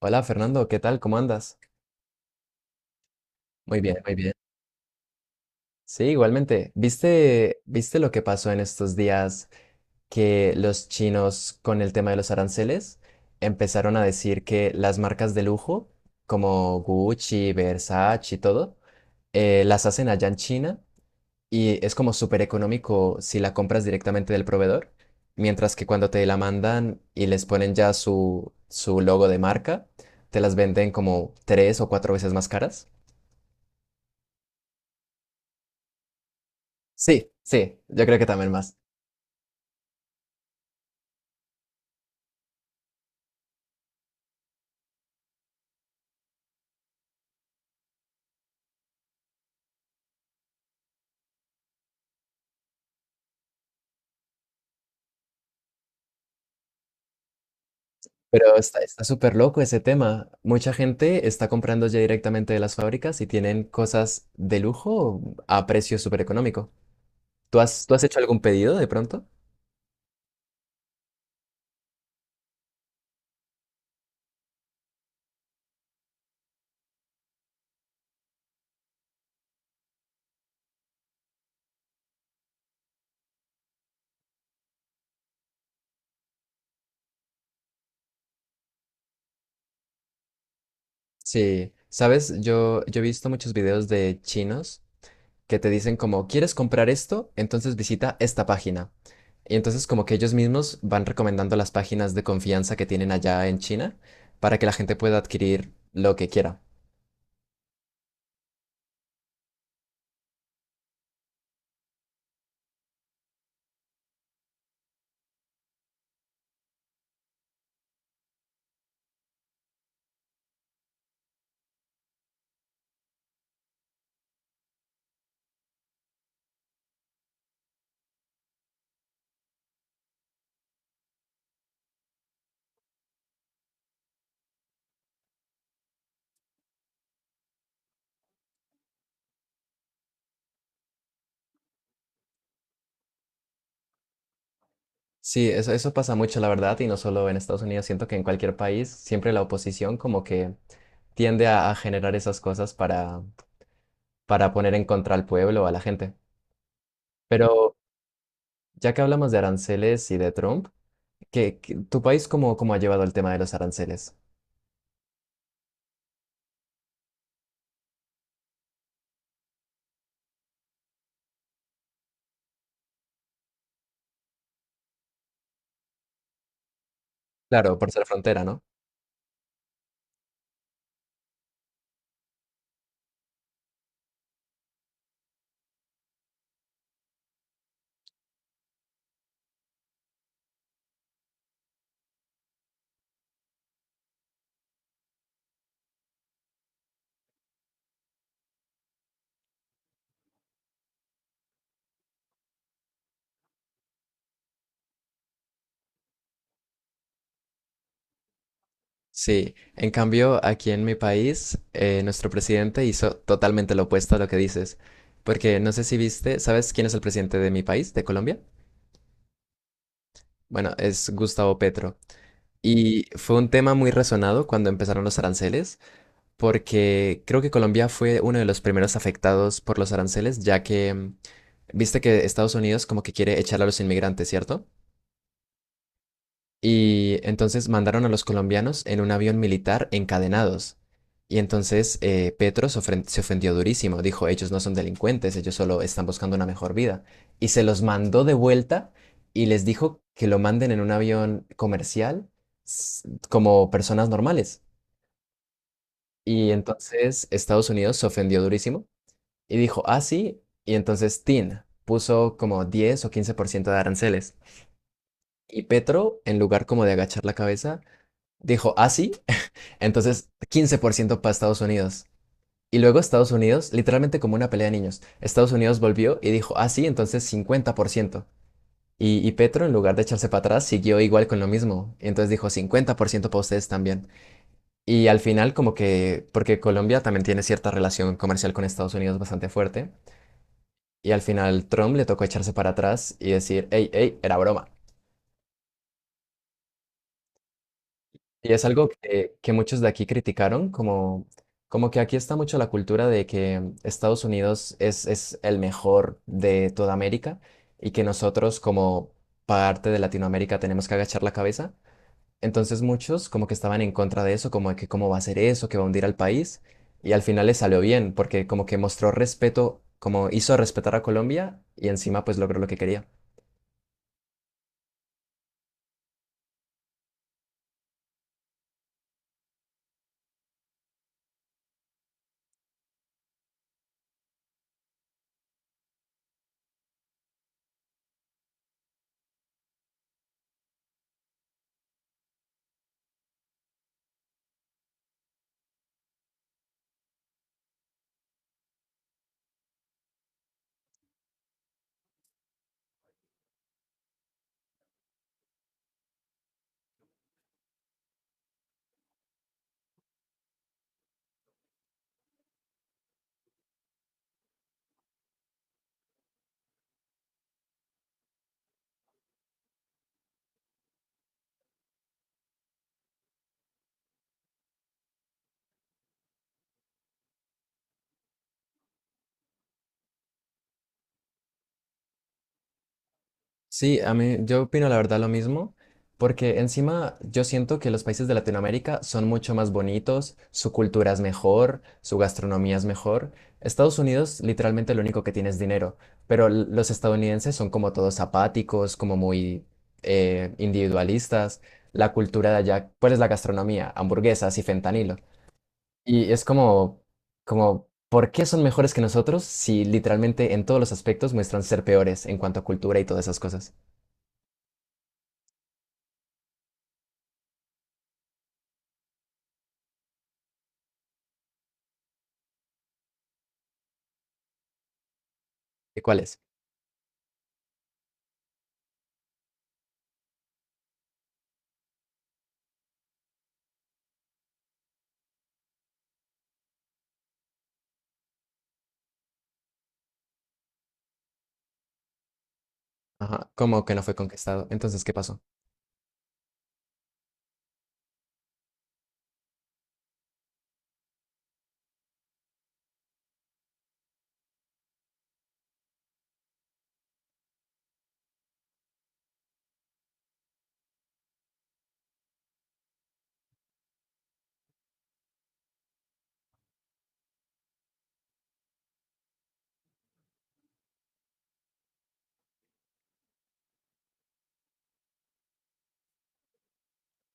Hola Fernando, ¿qué tal? ¿Cómo andas? Muy bien, muy bien. Sí, igualmente. ¿Viste lo que pasó en estos días que los chinos con el tema de los aranceles empezaron a decir que las marcas de lujo como Gucci, Versace y todo las hacen allá en China y es como súper económico si la compras directamente del proveedor, mientras que cuando te la mandan y les ponen ya su logo de marca, te las venden como tres o cuatro veces más caras. Sí, sí, yo creo que también más. Pero está súper loco ese tema. Mucha gente está comprando ya directamente de las fábricas y tienen cosas de lujo a precio súper económico. ¿Tú has hecho algún pedido de pronto? Sí, sabes, yo he visto muchos videos de chinos que te dicen como, ¿quieres comprar esto? Entonces visita esta página. Y entonces como que ellos mismos van recomendando las páginas de confianza que tienen allá en China para que la gente pueda adquirir lo que quiera. Sí, eso pasa mucho, la verdad, y no solo en Estados Unidos, siento que en cualquier país siempre la oposición como que tiende a generar esas cosas para poner en contra al pueblo o a la gente. Pero ya que hablamos de aranceles y de Trump, ¿Tu país cómo ha llevado el tema de los aranceles? Claro, por ser frontera, ¿no? Sí, en cambio, aquí en mi país, nuestro presidente hizo totalmente lo opuesto a lo que dices, porque no sé si viste, ¿sabes quién es el presidente de mi país, de Colombia? Bueno, es Gustavo Petro. Y fue un tema muy resonado cuando empezaron los aranceles, porque creo que Colombia fue uno de los primeros afectados por los aranceles, ya que viste que Estados Unidos como que quiere echar a los inmigrantes, ¿cierto? Y entonces mandaron a los colombianos en un avión militar encadenados. Y entonces Petro se ofendió durísimo. Dijo, ellos no son delincuentes, ellos solo están buscando una mejor vida. Y se los mandó de vuelta y les dijo que lo manden en un avión comercial como personas normales. Y entonces Estados Unidos se ofendió durísimo y dijo, ah, sí. Y entonces Tin puso como 10 o 15% de aranceles. Y Petro, en lugar como de agachar la cabeza, dijo, ah, sí. Entonces, 15% para Estados Unidos. Y luego Estados Unidos, literalmente como una pelea de niños, Estados Unidos volvió y dijo, ah, sí, entonces 50%. Y Petro, en lugar de echarse para atrás, siguió igual con lo mismo. Entonces dijo 50% para ustedes también. Y al final, como que, porque Colombia también tiene cierta relación comercial con Estados Unidos bastante fuerte. Y al final, Trump le tocó echarse para atrás y decir, hey, hey, era broma. Y es algo que muchos de aquí criticaron, como, como que aquí está mucho la cultura de que Estados Unidos es el mejor de toda América y que nosotros como parte de Latinoamérica tenemos que agachar la cabeza. Entonces muchos como que estaban en contra de eso, como de que cómo va a ser eso, que va a hundir al país. Y al final le salió bien, porque como que mostró respeto, como hizo respetar a Colombia y encima pues logró lo que quería. Sí, a mí, yo opino la verdad lo mismo, porque encima yo siento que los países de Latinoamérica son mucho más bonitos, su cultura es mejor, su gastronomía es mejor. Estados Unidos literalmente lo único que tiene es dinero, pero los estadounidenses son como todos apáticos, como muy individualistas. La cultura de allá, ¿cuál es la gastronomía? Hamburguesas y fentanilo. Y es como, ¿por qué son mejores que nosotros si literalmente en todos los aspectos muestran ser peores en cuanto a cultura y todas esas cosas? ¿De cuál es? Ajá, como que no fue conquistado. Entonces, ¿qué pasó?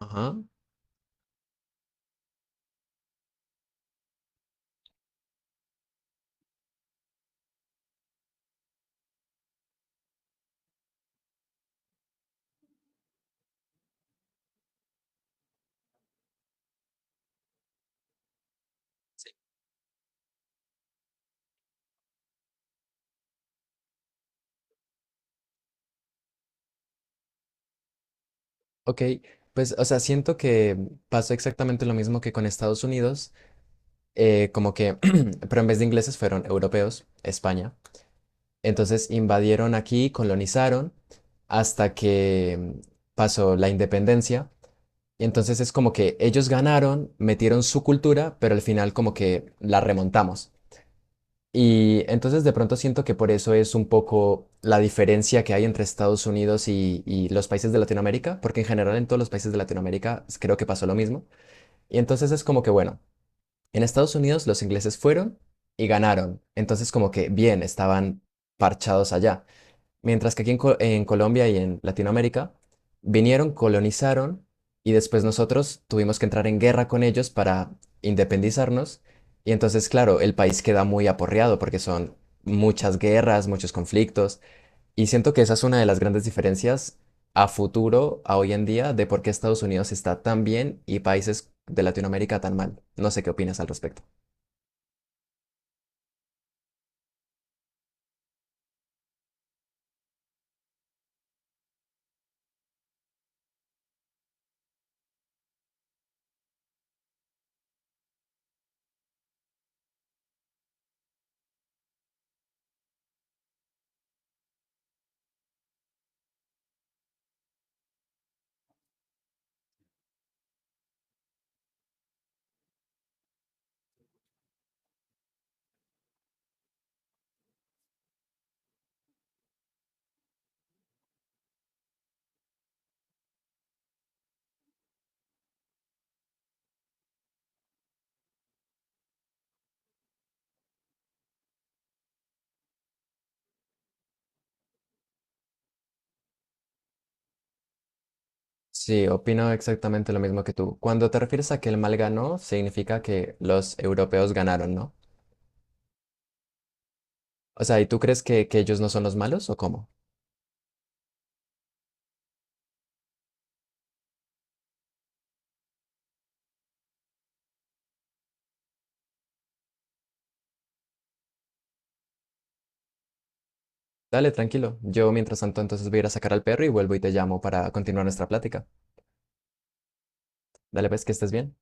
Ajá, ok. Pues, o sea, siento que pasó exactamente lo mismo que con Estados Unidos, como que, pero en vez de ingleses fueron europeos, España. Entonces invadieron aquí, colonizaron, hasta que pasó la independencia. Y entonces es como que ellos ganaron, metieron su cultura, pero al final como que la remontamos. Y entonces de pronto siento que por eso es un poco la diferencia que hay entre Estados Unidos y los países de Latinoamérica, porque en general en todos los países de Latinoamérica creo que pasó lo mismo. Y entonces es como que, bueno, en Estados Unidos los ingleses fueron y ganaron. Entonces como que bien, estaban parchados allá. Mientras que aquí en Colombia y en Latinoamérica vinieron, colonizaron y después nosotros tuvimos que entrar en guerra con ellos para independizarnos. Y entonces, claro, el país queda muy aporreado porque son muchas guerras, muchos conflictos. Y siento que esa es una de las grandes diferencias a futuro, a hoy en día, de por qué Estados Unidos está tan bien y países de Latinoamérica tan mal. No sé qué opinas al respecto. Sí, opino exactamente lo mismo que tú. Cuando te refieres a que el mal ganó, significa que los europeos ganaron, ¿no? O sea, ¿y tú crees que ellos no son los malos o cómo? Dale, tranquilo. Yo mientras tanto entonces voy a ir a sacar al perro y vuelvo y te llamo para continuar nuestra plática. Dale, pues, que estés bien.